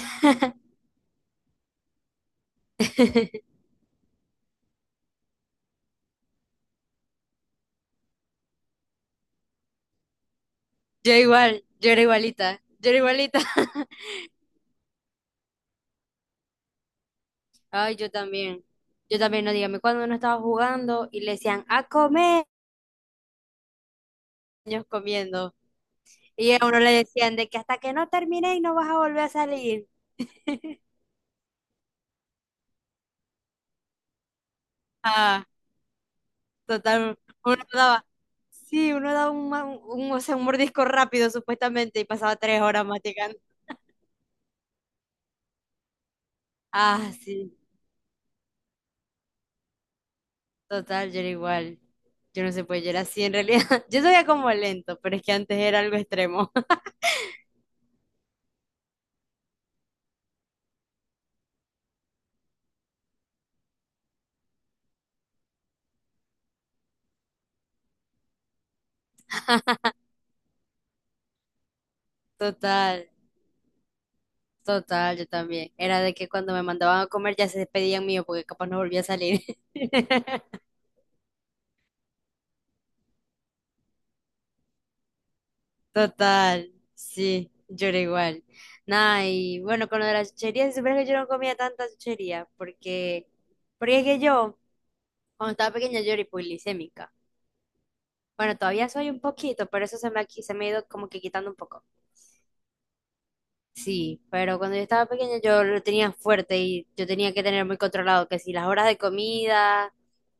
Yo igual, yo era igualita, yo era igualita. Ay, yo también, no dígame, cuando uno estaba jugando y le decían a comer, niños comiendo, y a uno le decían de que hasta que no terminéis no vas a volver a salir. Ah, total, uno daba, sí, uno daba un, un, o sea, un mordisco rápido supuestamente y pasaba 3 horas masticando. Ah, sí, total, yo era igual. Yo no sé, pues yo era así en realidad. Yo soy como lento, pero es que antes era algo extremo. Total. Total, yo también. Era de que cuando me mandaban a comer ya se despedían mío porque capaz no volvía a salir. Total, sí, yo era igual. Nada, y bueno, con lo de las chucherías, si supieras que yo no comía tanta chuchería porque es que yo, cuando estaba pequeña, yo era hipoglicémica. Bueno, todavía soy un poquito, pero eso se me ha ido como que quitando un poco. Sí, pero cuando yo estaba pequeña yo lo tenía fuerte y yo tenía que tener muy controlado que si las horas de comida,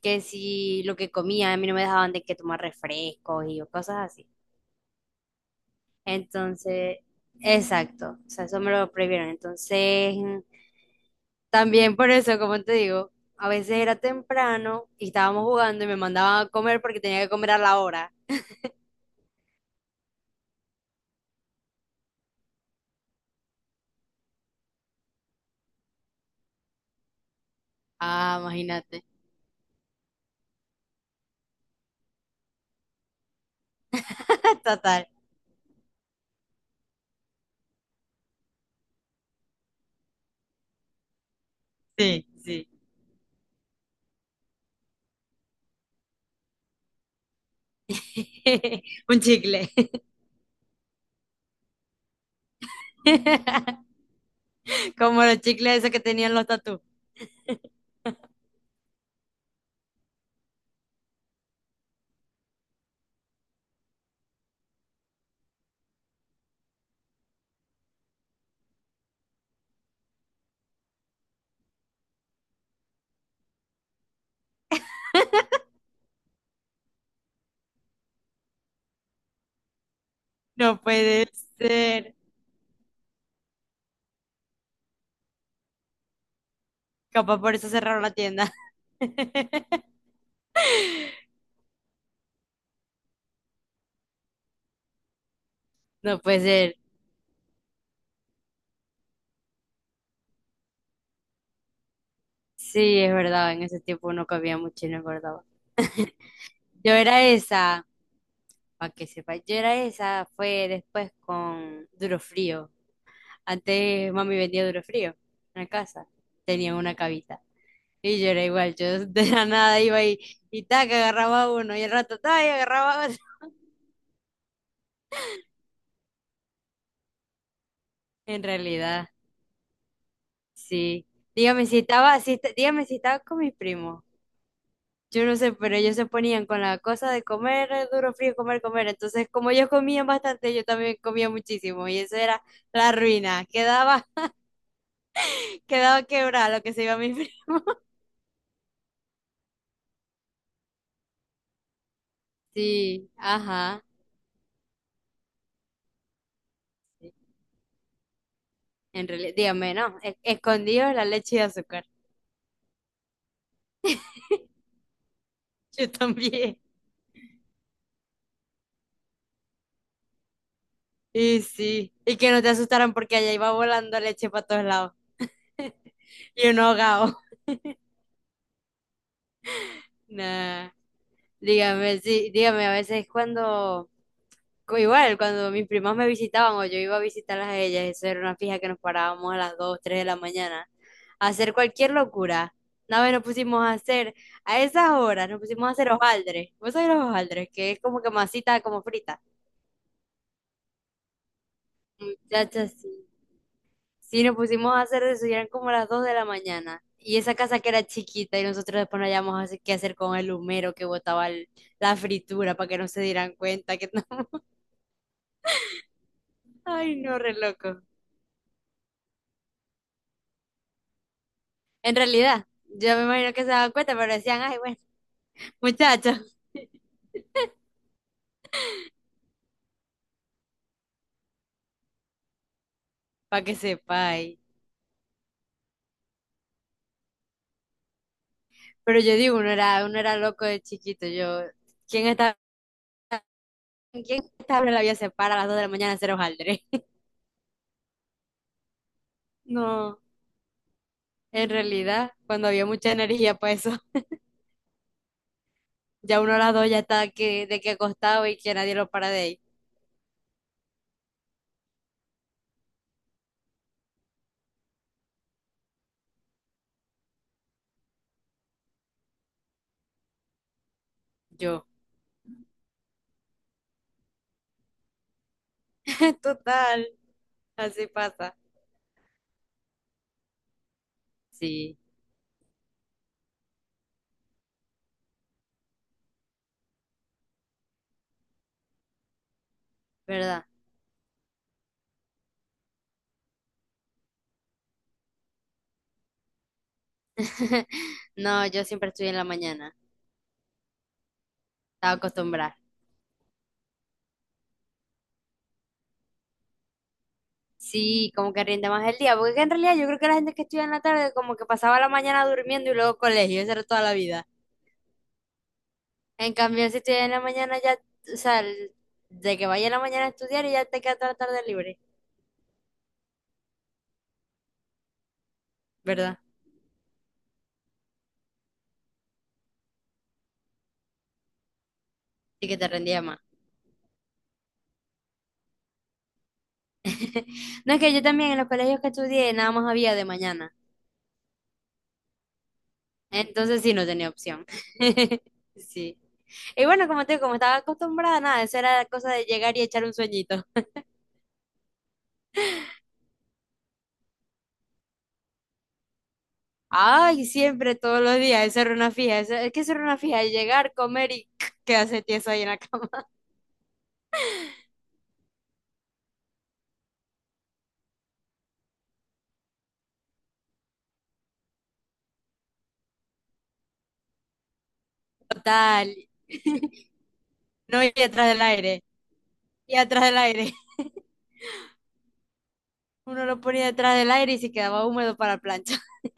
que si lo que comía, a mí no me dejaban de que tomar refrescos y cosas así. Entonces, exacto, o sea, eso me lo prohibieron. Entonces, también por eso, como te digo, a veces era temprano y estábamos jugando y me mandaban a comer porque tenía que comer a la hora. Ah, imagínate. Total. Sí, sí. Un chicle. Como los chicles esos que tenían los tatú. No puede ser. Capaz por eso cerraron la tienda. No puede ser. Sí, es verdad, en ese tiempo uno comía mucho y no engordaba. Yo era esa, para que sepa, yo era esa, fue después con Duro Frío. Antes mami vendía Duro Frío en la casa, tenía una cabita. Y yo era igual, yo de la nada iba y tac, agarraba uno y el rato tac, y agarraba otro. En realidad, sí. Dígame si estaba con mis primos. Yo no sé, pero ellos se ponían con la cosa de comer duro, frío, comer, comer. Entonces, como ellos comían bastante, yo también comía muchísimo. Y eso era la ruina. Quedaba, quedaba quebrada lo que se iba a mi fri- Sí, ajá. Sí. En realidad, dígame, no. Escondido en la leche y azúcar. Yo también. Y sí. Y que no te asustaran porque allá iba volando leche para todos lados. Y uno ahogado. Nah. Dígame, sí, dígame, a veces cuando. Igual, cuando mis primas me visitaban o yo iba a visitarlas a ellas, eso era una fija que nos parábamos a las 2, 3 de la mañana a hacer cualquier locura. Una vez nos pusimos a hacer, a esas horas nos pusimos a hacer hojaldres. ¿Vos sabés los hojaldres? Que es como que masita como frita. Muchachas, sí. Sí, nos pusimos a hacer de eso y eran como las 2 de la mañana. Y esa casa que era chiquita y nosotros después no hallábamos así qué hacer con el humero que botaba la fritura para que no se dieran cuenta que no. Ay, no, re loco. En realidad, yo me imagino que se daban cuenta, pero decían, ay, bueno, muchachos, para que sepáis. Pero yo digo, uno era loco de chiquito. Yo, ¿quién está, quién está abriendo la vía se para a las 2 de la mañana a hacer hojaldre? No, en realidad, cuando había mucha energía para eso, ya uno a las 2 ya está que, de que acostado y que nadie lo para de ahí. Yo, total, así pasa. Sí, ¿verdad? No, yo siempre estudié en la mañana, estaba acostumbrada. Sí, como que rinde más el día, porque es que en realidad yo creo que la gente que estudia en la tarde como que pasaba la mañana durmiendo y luego colegio, eso era toda la vida. En cambio, si estudias en la mañana ya, o sea, de que vaya en la mañana a estudiar y ya te queda toda la tarde libre, ¿verdad? Y que te rendía más. No, es que yo también en los colegios que estudié nada más había de mañana, entonces sí no tenía opción. Sí. Y bueno, como te digo, como estaba acostumbrada, nada, eso era cosa de llegar y echar un sueñito. Ay, siempre, todos los días, esa era una fija. Es que esa era una fija, llegar, comer y quedarse tieso ahí en la cama. Total, no ir detrás del aire, y atrás del aire. Uno lo ponía detrás del aire y se quedaba húmedo para la plancha.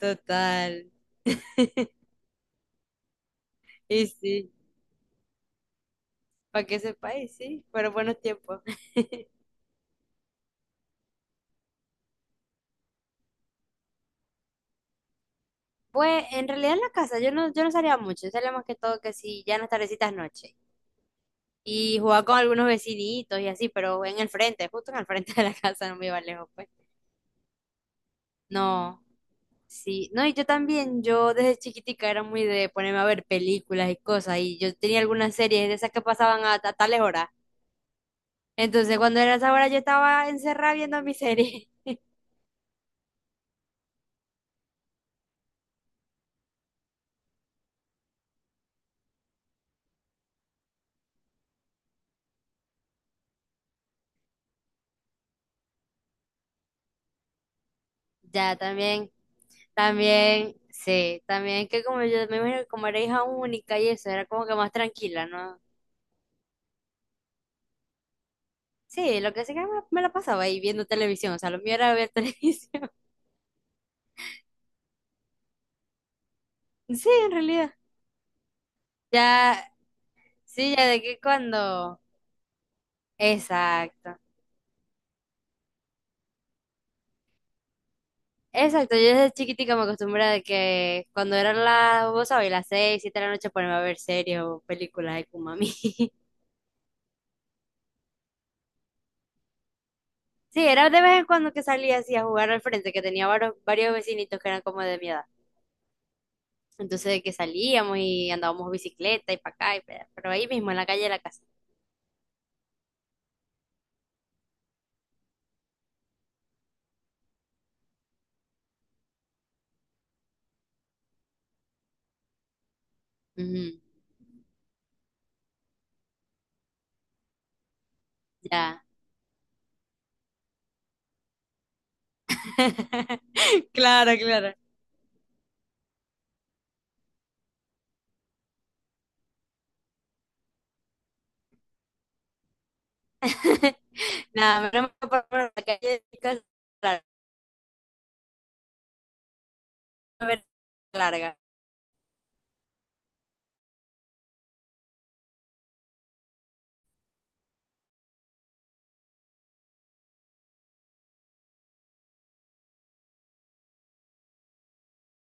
Total, y sí, para que sepa, y sí, fueron buenos tiempos. Pues en realidad en la casa yo no salía mucho, yo salía más que todo que si ya en las tardecitas noche. Y jugaba con algunos vecinitos y así, pero en el frente, justo en el frente de la casa, no me iba lejos, pues. No. Sí, no, y yo también, yo desde chiquitica era muy de ponerme a ver películas y cosas, y yo tenía algunas series de esas que pasaban a tales horas. Entonces, cuando era esa hora, yo estaba encerrada viendo mi serie. Ya, también, también, sí, también que como yo me imagino que como era hija única y eso, era como que más tranquila, ¿no? Sí, lo que sí que me la pasaba ahí viendo televisión, o sea, lo mío era ver televisión. Sí, en realidad. Ya, sí, ya de que cuando. Exacto. Exacto, yo desde chiquitica me acostumbré de que cuando eran las, vos sabés, las 6, 7 de la noche ponerme a ver series o películas de Kumami. Sí, era de vez en cuando que salía así a jugar al frente, que tenía varios vecinitos que eran como de mi edad. Entonces de que salíamos y andábamos bicicleta y para acá, y pa' allá, pero ahí mismo, en la calle de la casa. Ujú, ya. Claro, claro. Nada, me lo por la calle de mi casa, claro, una vereda larga.